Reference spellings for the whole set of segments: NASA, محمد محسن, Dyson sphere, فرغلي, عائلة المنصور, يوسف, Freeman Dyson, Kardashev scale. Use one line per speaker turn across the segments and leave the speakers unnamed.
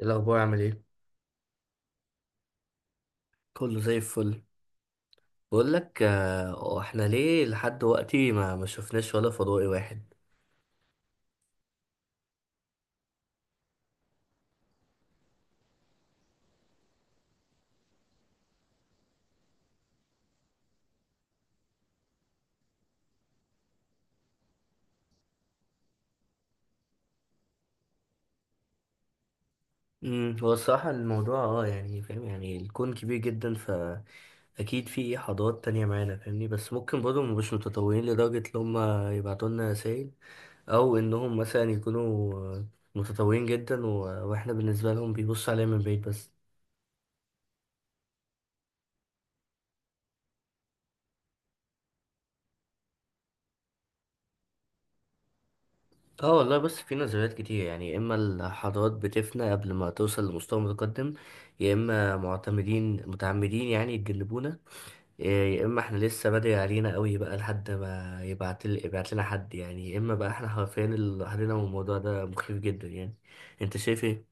إيه الأخبار؟ عامل إيه؟ كله زي الفل. بقول لك آه، احنا ليه لحد دلوقتي ما شفناش ولا فضائي واحد؟ هو الصراحة الموضوع اه، يعني فاهم، يعني الكون كبير جدا، فأكيد في حضارات تانية معانا، فاهمني؟ بس ممكن برضه مبقوش متطورين لدرجة إن هما يبعتوا لنا رسايل، أو إنهم مثلا يكونوا متطورين جدا وإحنا بالنسبة لهم بيبصوا علينا من بعيد بس. اه والله، بص، في نظريات كتير، يعني يا اما الحضارات بتفنى قبل ما توصل لمستوى متقدم، يا اما معتمدين متعمدين يعني يتجنبونا، إيه، يا اما احنا لسه بدري علينا قوي بقى لحد ما يبعت لنا حد، يعني يا اما بقى احنا حرفيا لوحدنا، والموضوع ده مخيف جدا يعني. انت شايف ايه؟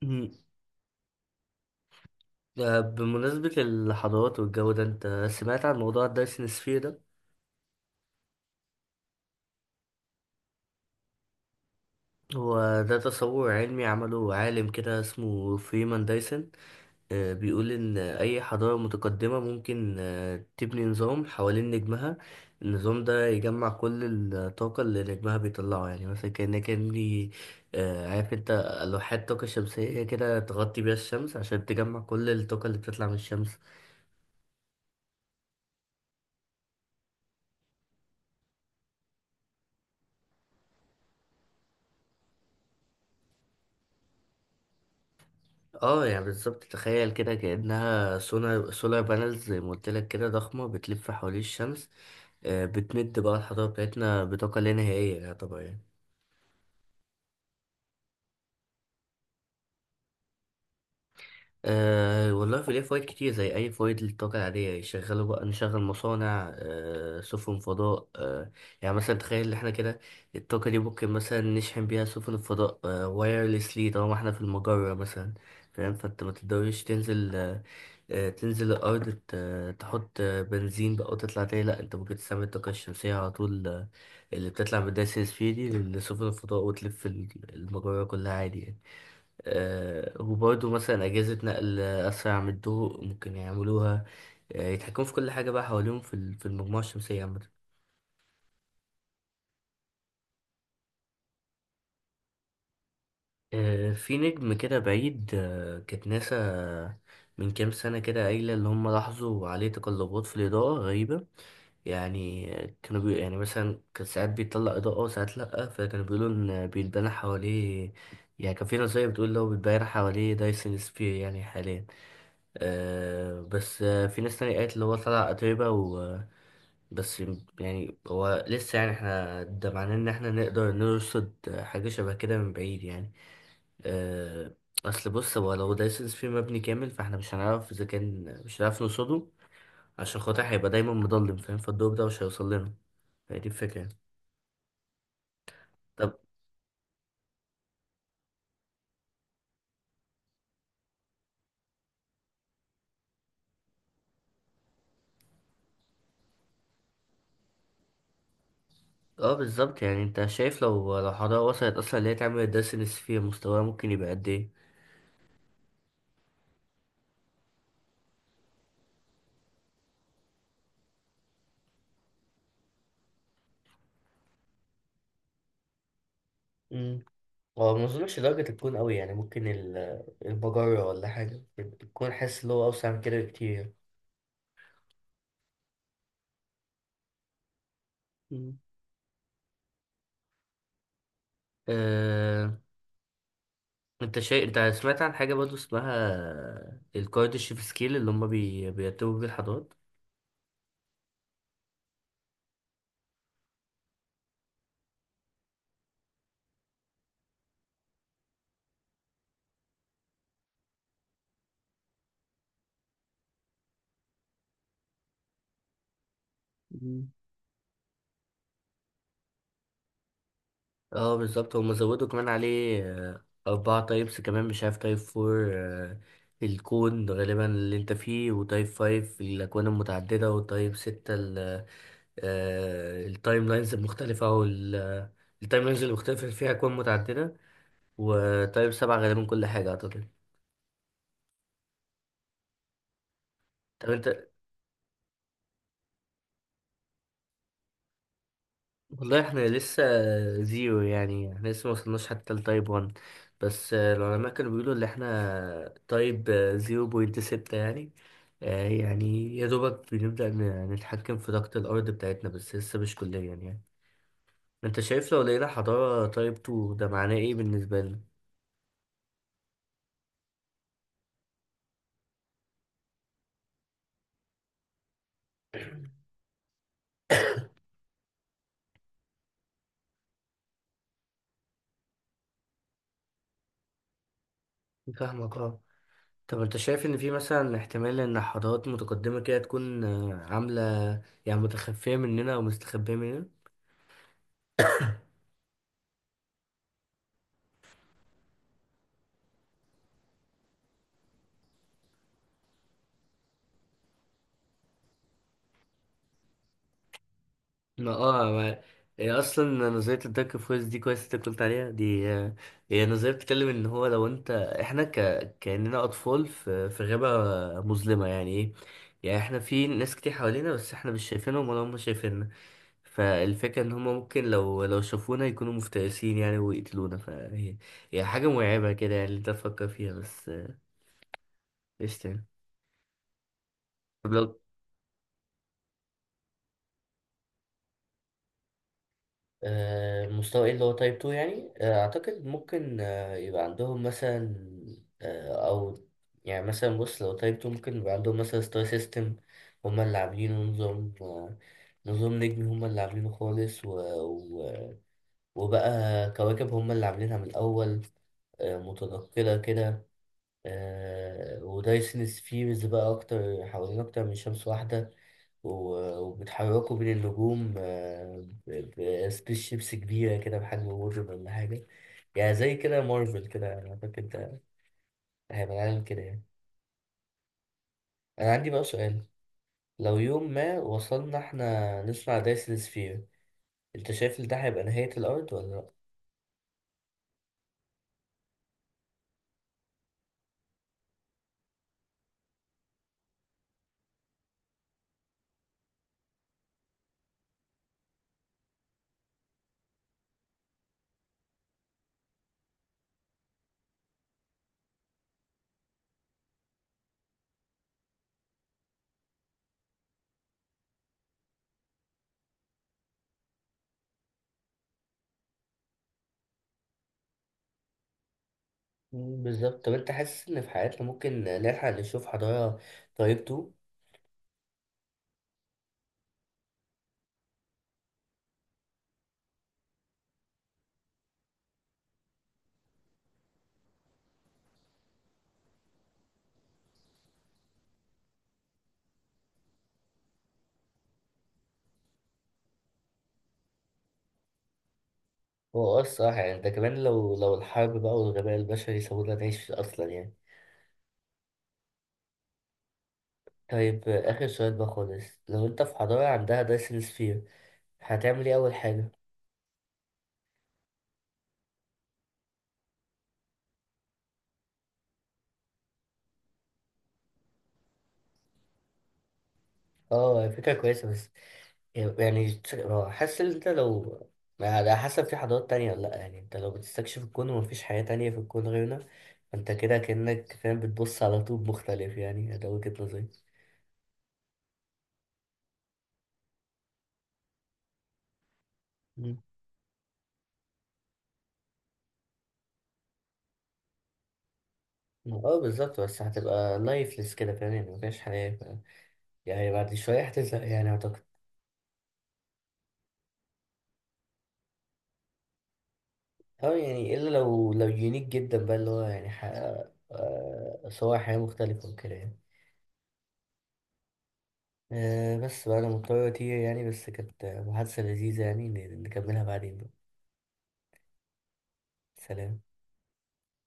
مم. بمناسبة الحضارات والجو ده، انت سمعت عن موضوع الدايسن سفير ده؟ هو ده تصور علمي عمله عالم كده اسمه فريمان دايسن. بيقول إن أي حضارة متقدمة ممكن تبني نظام حوالين نجمها. النظام ده يجمع كل الطاقة اللي نجمها بيطلعه، يعني مثلا كأنك إني عارف أنت لوحات طاقة شمسية، هي كده تغطي بيها الشمس عشان تجمع كل الطاقة اللي بتطلع من الشمس. اه يعني بالظبط، تخيل كده كأنها سولار سولار بانلز، زي ما قلت لك، كده ضخمة بتلف حوالين الشمس. بتمد بقى الحضارة بتاعتنا بطاقة لا نهائية طبعا. أه والله، في ليه فوائد كتير زي أي فوائد للطاقة العادية، يشغلوا بقى، نشغل مصانع، أه سفن فضاء، أه يعني مثلا تخيل إن احنا كده الطاقة دي ممكن مثلا نشحن بيها سفن الفضاء، أه وايرلسلي طالما احنا في المجرة مثلا. فاهم؟ فانت ما تقدرش تنزل، أه تنزل الأرض، تحط آه، بنزين بقى وتطلع تاني، لأ، انت ممكن تستعمل الطاقة الشمسية على طول، اللي بتطلع من الدايسن سفير دي لسفن الفضاء وتلف المجرة كلها عادي يعني. وبرضه مثلا أجهزة نقل أسرع من الضوء ممكن يعملوها، يتحكموا في كل حاجة بقى حواليهم في في المجموعة الشمسية عامة. في نجم كده بعيد، كانت ناسا من كام سنة كده قايلة، اللي هم لاحظوا عليه تقلبات في الإضاءة غريبة، يعني كانوا يعني مثلا كان ساعات بيطلع إضاءة وساعات لأ، فكانوا بيقولوا إن بيتبنى حواليه، يعني كان في نظرية بتقول لو بيتبنى حواليه دايسون سفير يعني حاليا. آه بس آه، في ناس تانية قالت اللي هو طلع أتربة و بس. يعني هو لسه، يعني احنا ده معناه ان احنا نقدر نرصد حاجة شبه كده من بعيد يعني. آه، اصل بص، هو لو دايسنس فيه مبني كامل، فاحنا مش هنعرف اذا كان، مش هنعرف نرصده عشان خاطر هيبقى دايما مضلم، فاهم؟ فالدور ده مش هيوصل لنا، فهي دي الفكرة يعني. طب اه بالظبط، يعني انت شايف لو حضارة وصلت اصلا اللي هي تعمل دايسنس فيه، مستواها ممكن يبقى قد ايه؟ هو ما اظنش درجة الكون قوي، يعني ممكن المجرة ولا حاجة، الكون حاسس اللي هو أوسع من كده بكتير. مم. أه... انت شيء، انت سمعت عن حاجة برضه اسمها الكارديشيف سكيل، اللي هما بيرتبوا بيه الحضارات؟ مم. اه بالظبط، هما زودوا كمان عليه، أربعة تايبس كمان، مش عارف، تايب فور الكون غالبا اللي انت فيه، وتايب فايف الأكوان المتعددة، وتايب ستة التايم لاينز المختلفة أو التايم لاينز المختلفة فيها أكوان متعددة، وتايم سبعة غالبا كل حاجة أعتقد. طب أنت، والله إحنا لسه زيرو يعني، إحنا لسه موصلناش حتى لتايب ون. بس العلماء كانوا بيقولوا إن إحنا تايب زيرو بوينت ستة يعني. يعني يا دوبك بنبدأ نتحكم في طاقة الأرض بتاعتنا، بس لسه مش كليا يعني. أنت شايف لو لقينا حضارة تايب تو ده معناه إيه بالنسبة لنا؟ فاهمك اه. طب انت شايف ان في مثلا احتمال ان حضارات متقدمة كده تكون عاملة يعني متخفية مننا او مستخبية مننا؟ ما هي اصلا نظرية الدارك فورس دي، كويس انت قلت عليها دي. هي نظرية بتتكلم ان هو لو انت احنا كأننا اطفال في... في غابة مظلمة، يعني ايه؟ يعني احنا في ناس كتير حوالينا بس احنا مش شايفينهم ولا هم شايفيننا، فالفكرة ان هما ممكن لو شافونا يكونوا مفترسين يعني ويقتلونا، فهي هي حاجة مرعبة كده يعني اللي انت تفكر فيها بس. ايش تاني؟ طب لو المستوى ايه اللي هو تايب 2 يعني، اعتقد ممكن يبقى عندهم مثلا آه، او يعني مثلا بص، لو تايب 2 ممكن يبقى عندهم مثلا ستار سيستم هما اللي عاملينه، نظام نظام نجمي هما اللي عاملينه خالص، و... وبقى كواكب هما اللي عاملينها من الاول، متنقلة كده، ودايسنس فيه مسبقة أكتر حوالين أكتر من شمس واحدة، وبتحركوا بين النجوم بسبيس شيبس كبيرة كده بحجم وورد ولا حاجة، يعني زي كده مارفل كده أنا فاكر، ده هيبقى العالم كده يعني. أنا عندي بقى سؤال، لو يوم ما وصلنا إحنا نصنع دايسن سفير، أنت شايف إن ده هيبقى نهاية الأرض ولا لأ؟ مم، بالظبط. طب أنت حاسس إن في حياتنا ممكن نلحق نشوف حضارة طيبته؟ هو اه الصراحة، يعني ده كمان لو الحرب بقى والغباء البشري سابونا نعيش أصلا يعني. طيب آخر سؤال بقى خالص، لو أنت في حضارة عندها دايسن سفير، هتعمل إيه أول حاجة؟ اه فكرة كويسة، بس يعني آه، حاسس إن أنت لو، على حسب في حضارات تانية ولا لأ، يعني أنت لو بتستكشف الكون ومفيش حياة تانية في الكون غيرنا، فأنت كده كأنك فاهم بتبص على طوب مختلف، يعني ده وجهة نظري. مم. اه بالظبط، بس هتبقى لايفلس كده فاهم، يعني مفيهاش حياة، يعني بعد شوية هتزهق يعني أعتقد. أه يعني إلا لو يونيك جدا بقى اللي هو يعني حقق صور حياة مختلفة وكده يعني. أه بس بقى أنا مضطر أطير يعني، بس كانت محادثة لذيذة يعني، نكملها بعدين بقى. سلام.